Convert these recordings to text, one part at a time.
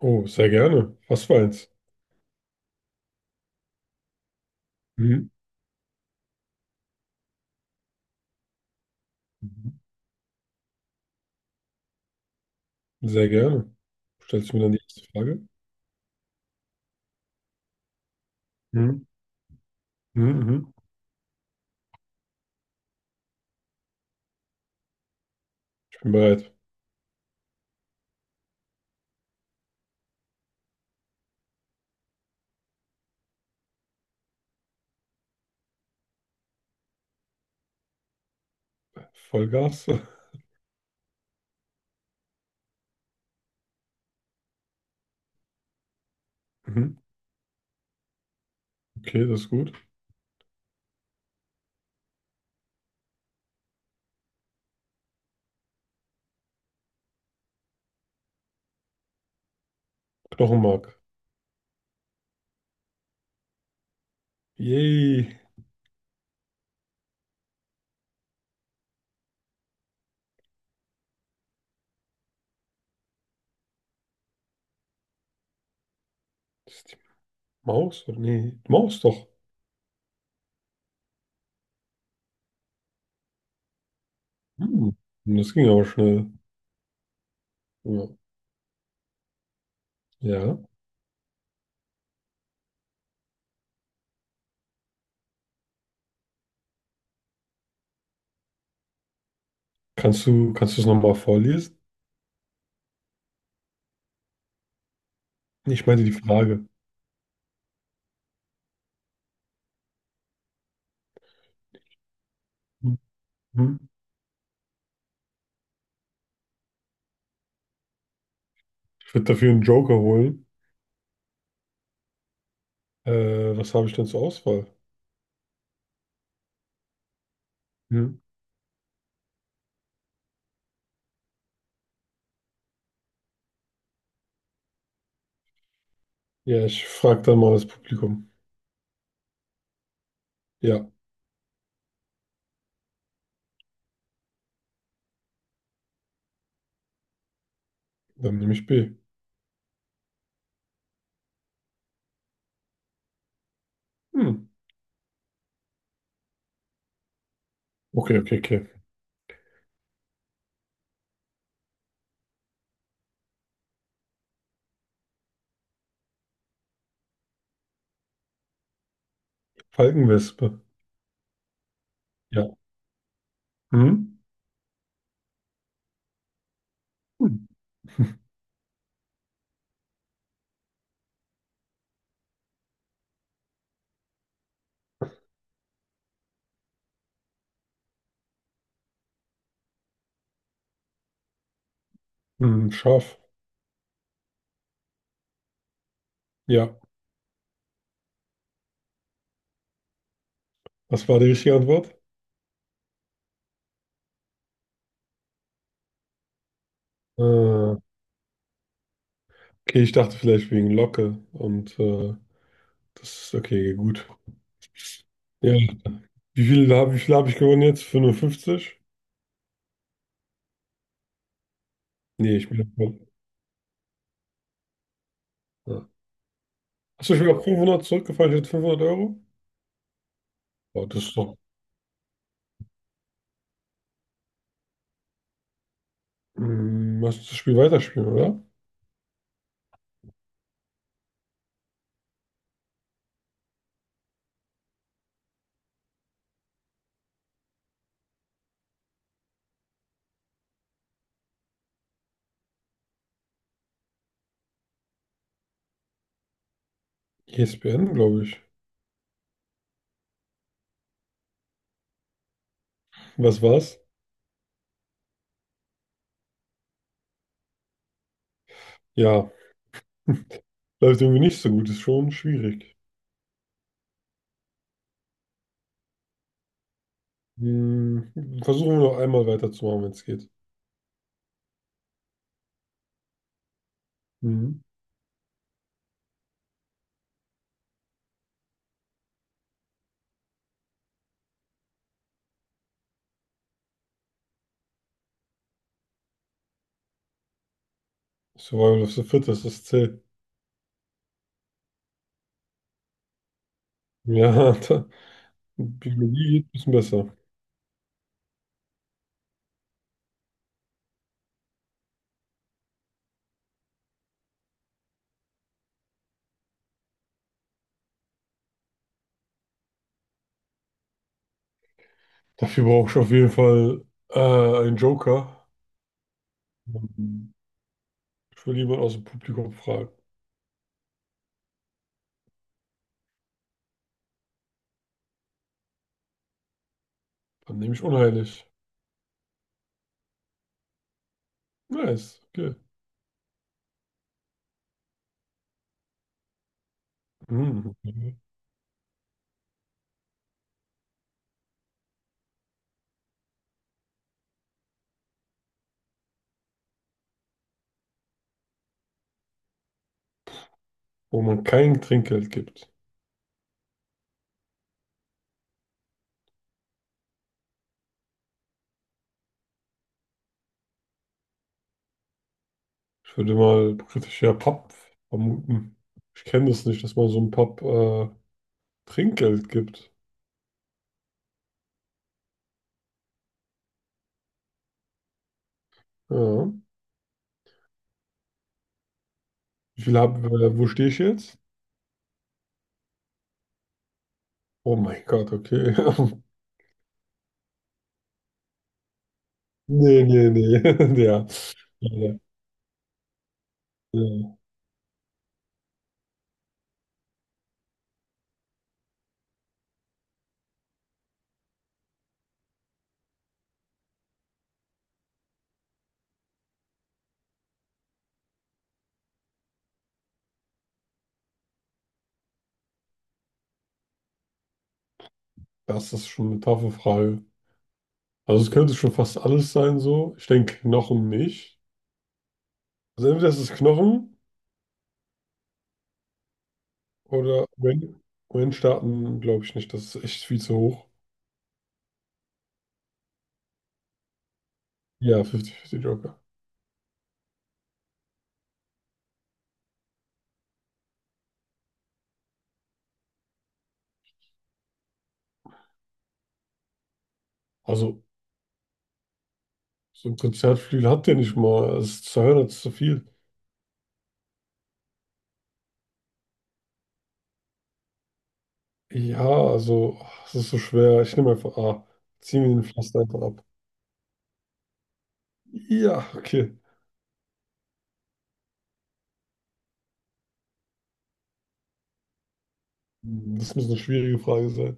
Oh, sehr gerne. Was für eins? Mhm. Mhm. Sehr gerne. Stellst du mir dann die erste Frage? Mhm. Mhm. Mhm. Ich bin bereit. Vollgas. Mhm. Okay, das ist gut. Knochenmark. Yay. Ist die Maus? Oder nee, die Maus doch. Hm. Das ging aber schnell. Ja. Ja. Kannst du es nochmal vorlesen? Nee, ich meine die Frage. Mhm. Mhm. Ich würde dafür einen Joker holen. Was habe ich denn zur Auswahl? Mhm. Ja, ich frage dann mal das Publikum. Ja, dann nehme ich B. Hm. Okay, okay, okay. Falkenwespe. Ja. Hm? Hm. Hm, scharf. Ja. Was war die richtige Antwort? Okay, ich dachte vielleicht wegen Locke und das ist okay, gut. Ja. Wie viel hab ich gewonnen jetzt? 55? Nee, ich bin. Ja. Achso, ich bin auf 500 zurückgefallen. Ich hätte 500 Euro. Oh, das ist doch. Hm, lass uns das Spiel weiterspielen, oder? ESPN, glaube ich. Was war's? Ja, läuft irgendwie nicht so gut. Ist schon schwierig. Hm, versuchen wir noch einmal weiterzumachen, wenn es geht. Mhm. Survival of the Fittest, das zählt. Ja, da, Biologie geht ein bisschen besser. Dafür brauche ich auf jeden Fall äh, einen Joker. Mhm. Ich will jemanden aus dem Publikum fragen. Dann nehme ich unheilig. Nice, okay. Hm. Wo man kein Trinkgeld gibt. Ich würde mal kritisch ja Pub vermuten. Ich kenne das nicht, dass man so einem Pub Trinkgeld gibt. Ja. Wo stehe ich jetzt? Oh mein Gott, okay. Nee, nee, nee. Ja. Ja, ja. Das ist schon eine taffe Frage. Also es könnte schon fast alles sein so. Ich denke Knochen nicht. Also entweder ist es Knochen oder wenn starten, glaube ich nicht. Das ist echt viel zu hoch. Ja, 50-50 Joker. Also so ein Konzertflügel hat der nicht mal. Es ist zu hören, es ist zu viel. Ja, also es ist so schwer. Ich nehme einfach A. Zieh mir den Pflaster einfach ab. Ja, okay. Das muss eine schwierige Frage.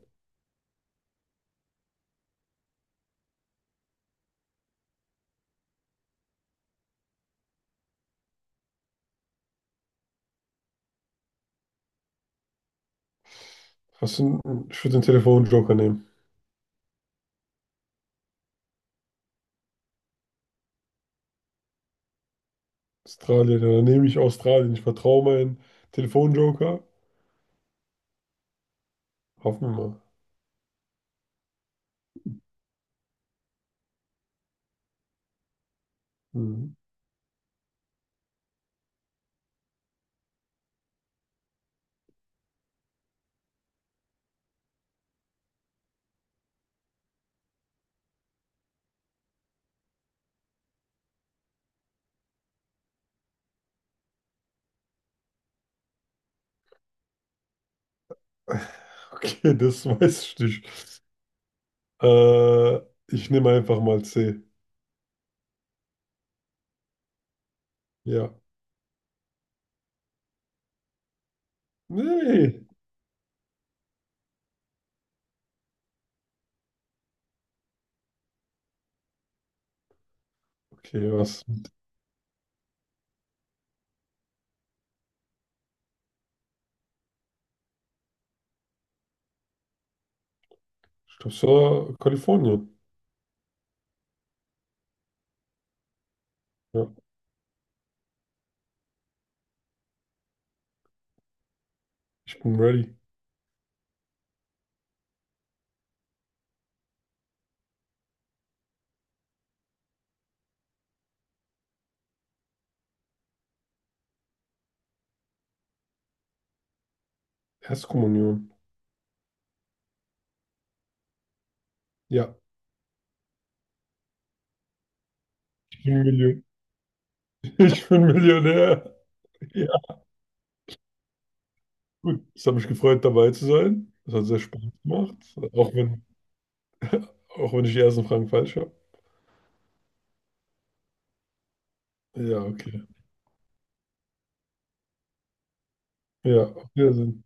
Ich würde den Telefonjoker nehmen. Australien, ja, dann nehme ich Australien. Ich vertraue meinen Telefonjoker. Hoffen wir mal. Mhm. Okay, das weiß ich nicht. Äh, Ich nehme einfach mal C. Ja. Nee. Okay, was? Ich glaube, es war Kalifornien. Ja, ich bin ready. Erstkommunion. Ja, ich bin Million. Ich bin Millionär. Ja, gut. Es hat mich gefreut, dabei zu sein. Es hat sehr Spaß gemacht. Auch wenn, auch wenn ich die ersten Fragen falsch habe. Ja, okay. Ja, auf Wiedersehen.